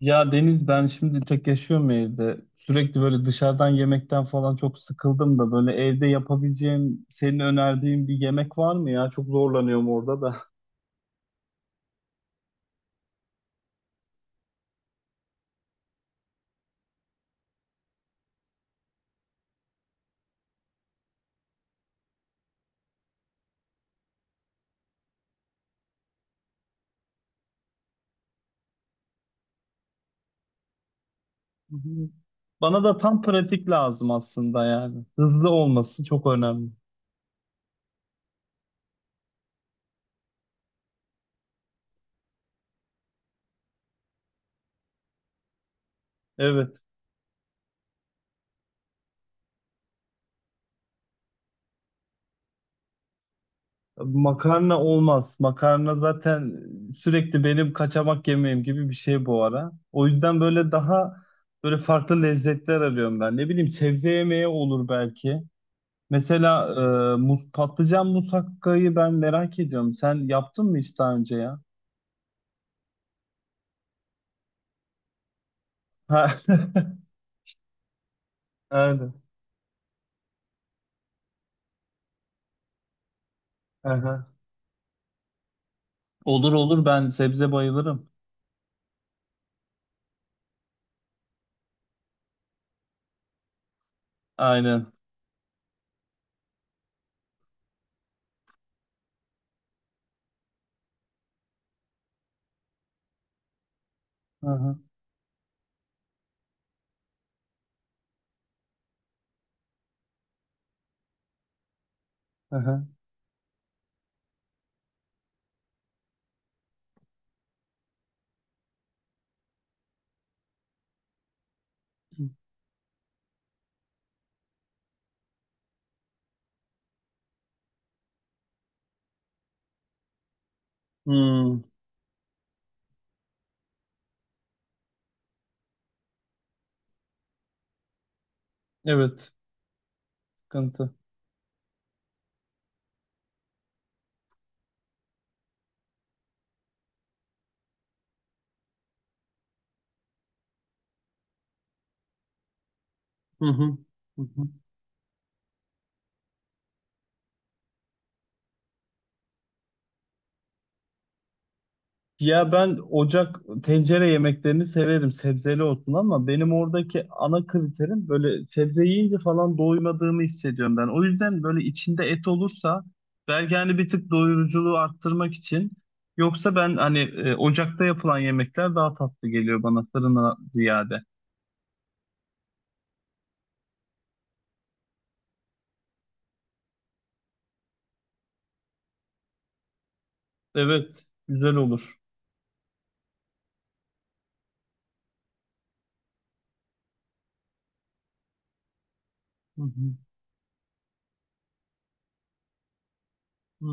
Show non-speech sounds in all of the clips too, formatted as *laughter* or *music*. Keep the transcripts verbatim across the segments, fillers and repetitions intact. Ya Deniz, ben şimdi tek yaşıyorum evde. Sürekli böyle dışarıdan yemekten falan çok sıkıldım da böyle evde yapabileceğim, senin önerdiğin bir yemek var mı ya? Çok zorlanıyorum orada da. Hı hı. Bana da tam pratik lazım aslında yani. Hızlı olması çok önemli. Evet. Makarna olmaz. Makarna zaten sürekli benim kaçamak yemeğim gibi bir şey bu ara. O yüzden böyle daha böyle farklı lezzetler arıyorum ben. Ne bileyim, sebze yemeği olur belki. Mesela e, mus patlıcan musakkayı ben merak ediyorum. Sen yaptın mı hiç daha önce ya? Ha. *laughs* Aynen. Aha. Olur olur, ben sebze bayılırım. Aynen. Aha. Aha. Hmm. Evet. Sıkıntı. Hı hı. Hı hı. Ya ben ocak tencere yemeklerini severim, sebzeli olsun, ama benim oradaki ana kriterim böyle, sebze yiyince falan doymadığımı hissediyorum ben. O yüzden böyle içinde et olursa belki hani bir tık doyuruculuğu arttırmak için, yoksa ben hani e, ocakta yapılan yemekler daha tatlı geliyor bana fırına ziyade. Evet, güzel olur. Hı hı, hı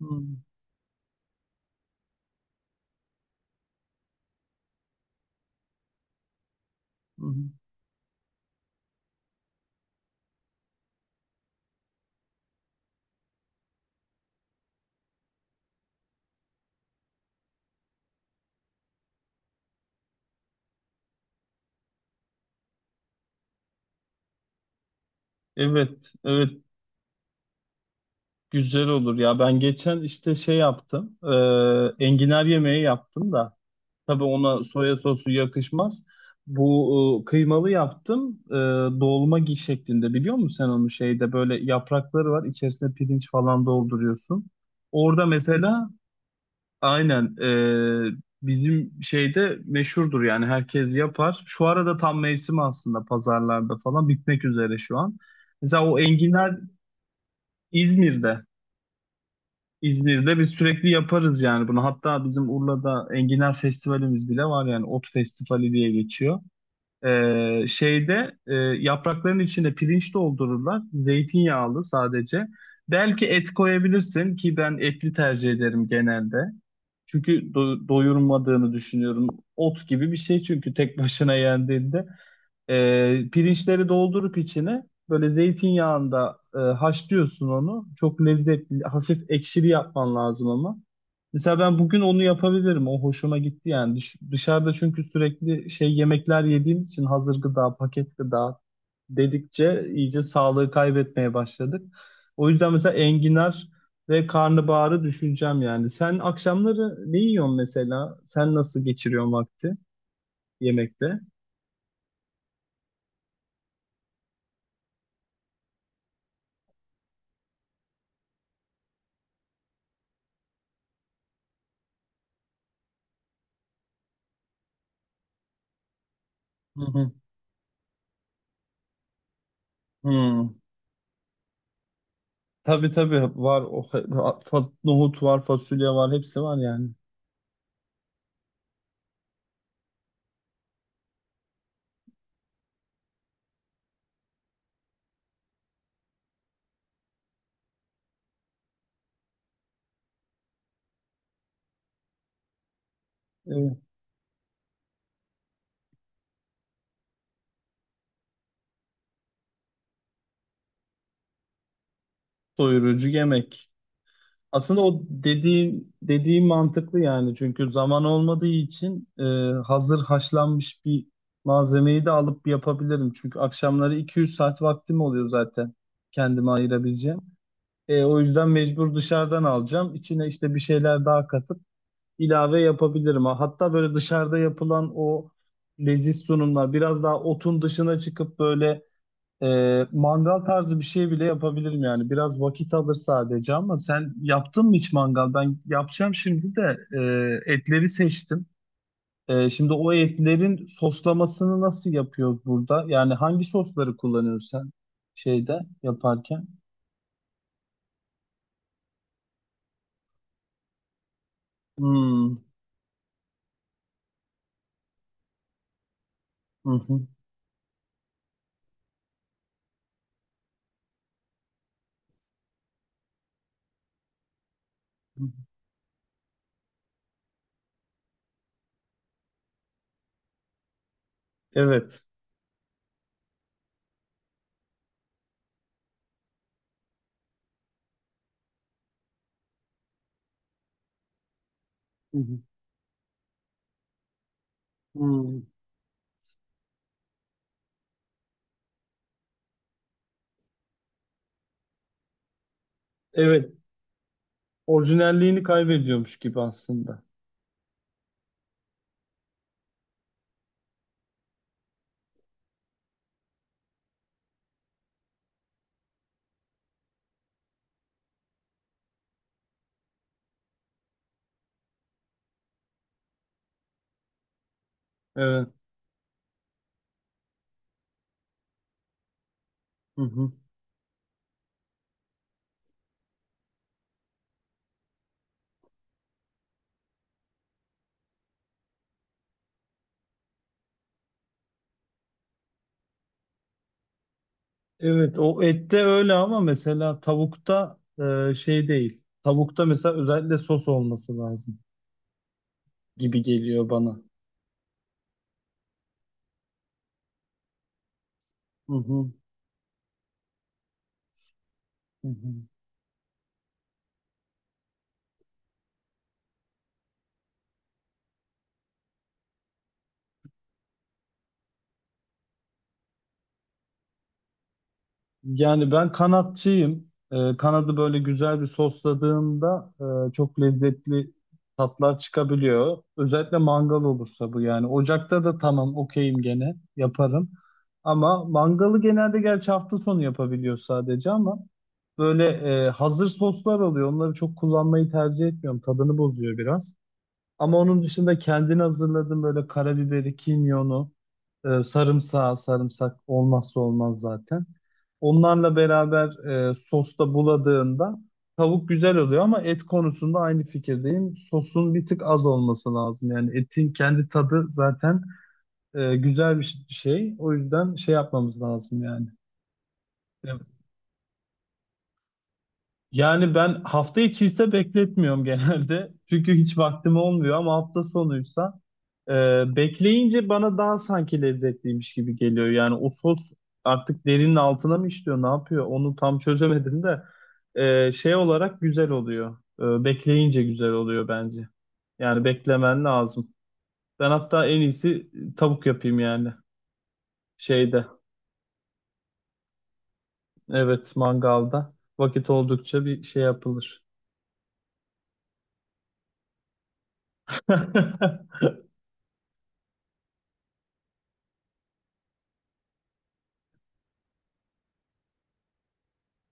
hı, hı hı. Evet, evet, güzel olur ya. Ben geçen işte şey yaptım. E, enginar yemeği yaptım da. Tabii ona soya sosu yakışmaz. Bu e, kıymalı yaptım. E, dolma gi şeklinde biliyor musun sen onu, şeyde böyle yaprakları var. İçerisine pirinç falan dolduruyorsun. Orada mesela aynen, e, bizim şeyde meşhurdur yani, herkes yapar. Şu arada tam mevsimi, aslında pazarlarda falan bitmek üzere şu an. Mesela o enginar İzmir'de. İzmir'de biz sürekli yaparız yani bunu. Hatta bizim Urla'da enginar festivalimiz bile var, yani ot festivali diye geçiyor. Ee, şeyde e, yaprakların içine pirinç doldururlar. Zeytinyağlı sadece. Belki et koyabilirsin, ki ben etli tercih ederim genelde. Çünkü do- doyurmadığını düşünüyorum. Ot gibi bir şey çünkü tek başına yendiğinde. Ee, pirinçleri doldurup içine böyle zeytinyağında e, haşlıyorsun onu. Çok lezzetli, hafif ekşili yapman lazım ama. Mesela ben bugün onu yapabilirim. O hoşuma gitti yani. Dış- Dışarıda çünkü sürekli şey yemekler yediğim için, hazır gıda, paket gıda dedikçe iyice sağlığı kaybetmeye başladık. O yüzden mesela enginar ve karnabaharı düşüneceğim yani. Sen akşamları ne yiyorsun mesela? Sen nasıl geçiriyorsun vakti yemekte? Hı hı. Hı. Tabii tabii, var. O, fa- nohut var, fasulye var, hepsi var yani. Evet. Doyurucu yemek. Aslında o dediğin dediğim mantıklı yani, çünkü zaman olmadığı için e, hazır haşlanmış bir malzemeyi de alıp yapabilirim. Çünkü akşamları iki yüz saat vaktim oluyor zaten kendime ayırabileceğim. E, o yüzden mecbur dışarıdan alacağım. İçine işte bir şeyler daha katıp ilave yapabilirim. Ha, hatta böyle dışarıda yapılan o leziz sunumlar, biraz daha otun dışına çıkıp böyle ee, mangal tarzı bir şey bile yapabilirim yani. Biraz vakit alır sadece, ama sen yaptın mı hiç mangal? Ben yapacağım şimdi de e, etleri seçtim. E, şimdi o etlerin soslamasını nasıl yapıyoruz burada? Yani hangi sosları kullanıyorsun sen şeyde yaparken? Hmm, hı hı. Hı. Evet. Hı hı. Hmm. Evet. Orijinalliğini kaybediyormuş gibi aslında. Evet. Hı hı. Evet, o ette öyle, ama mesela tavukta e, şey değil. Tavukta mesela özellikle sos olması lazım gibi geliyor bana. Hı hı, hı hı. Yani ben kanatçıyım. E, kanadı böyle güzel bir sosladığımda e, çok lezzetli tatlar çıkabiliyor. Özellikle mangal olursa bu yani. Ocakta da tamam, okeyim, gene yaparım. Ama mangalı genelde, gerçi hafta sonu yapabiliyor sadece, ama böyle e, hazır soslar oluyor. Onları çok kullanmayı tercih etmiyorum. Tadını bozuyor biraz. Ama onun dışında kendini hazırladım böyle, karabiberi, kimyonu, e, sarımsağı, sarımsak olmazsa olmaz zaten. Onlarla beraber e, sosta buladığında tavuk güzel oluyor, ama et konusunda aynı fikirdeyim. Sosun bir tık az olması lazım. Yani etin kendi tadı zaten e, güzel bir şey. O yüzden şey yapmamız lazım yani. E, Yani ben hafta içi ise bekletmiyorum *laughs* genelde. Çünkü hiç vaktim olmuyor, ama hafta sonuysa e, bekleyince bana daha sanki lezzetliymiş gibi geliyor. Yani o sos artık derinin altına mı işliyor, ne yapıyor? Onu tam çözemedim de e, şey olarak güzel oluyor. E, bekleyince güzel oluyor bence. Yani beklemen lazım. Ben hatta en iyisi tavuk yapayım yani şeyde. Evet, mangalda. Vakit oldukça bir şey yapılır. *laughs*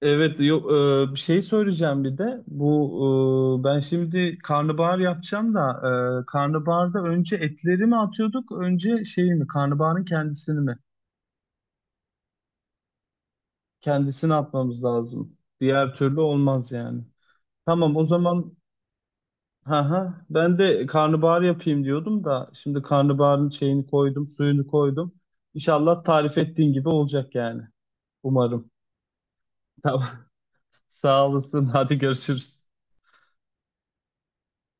Evet, yok, e, bir şey söyleyeceğim bir de. Bu e, ben şimdi karnabahar yapacağım da e, karnabaharda önce etleri mi atıyorduk, önce şeyi mi? Karnabaharın kendisini mi? Kendisini atmamız lazım. Diğer türlü olmaz yani. Tamam o zaman, ha ha, ben de karnabahar yapayım diyordum da şimdi karnabaharın şeyini koydum, suyunu koydum. İnşallah tarif ettiğin gibi olacak yani. Umarım. *laughs* Tamam. Sağ olasın. Hadi, görüşürüz.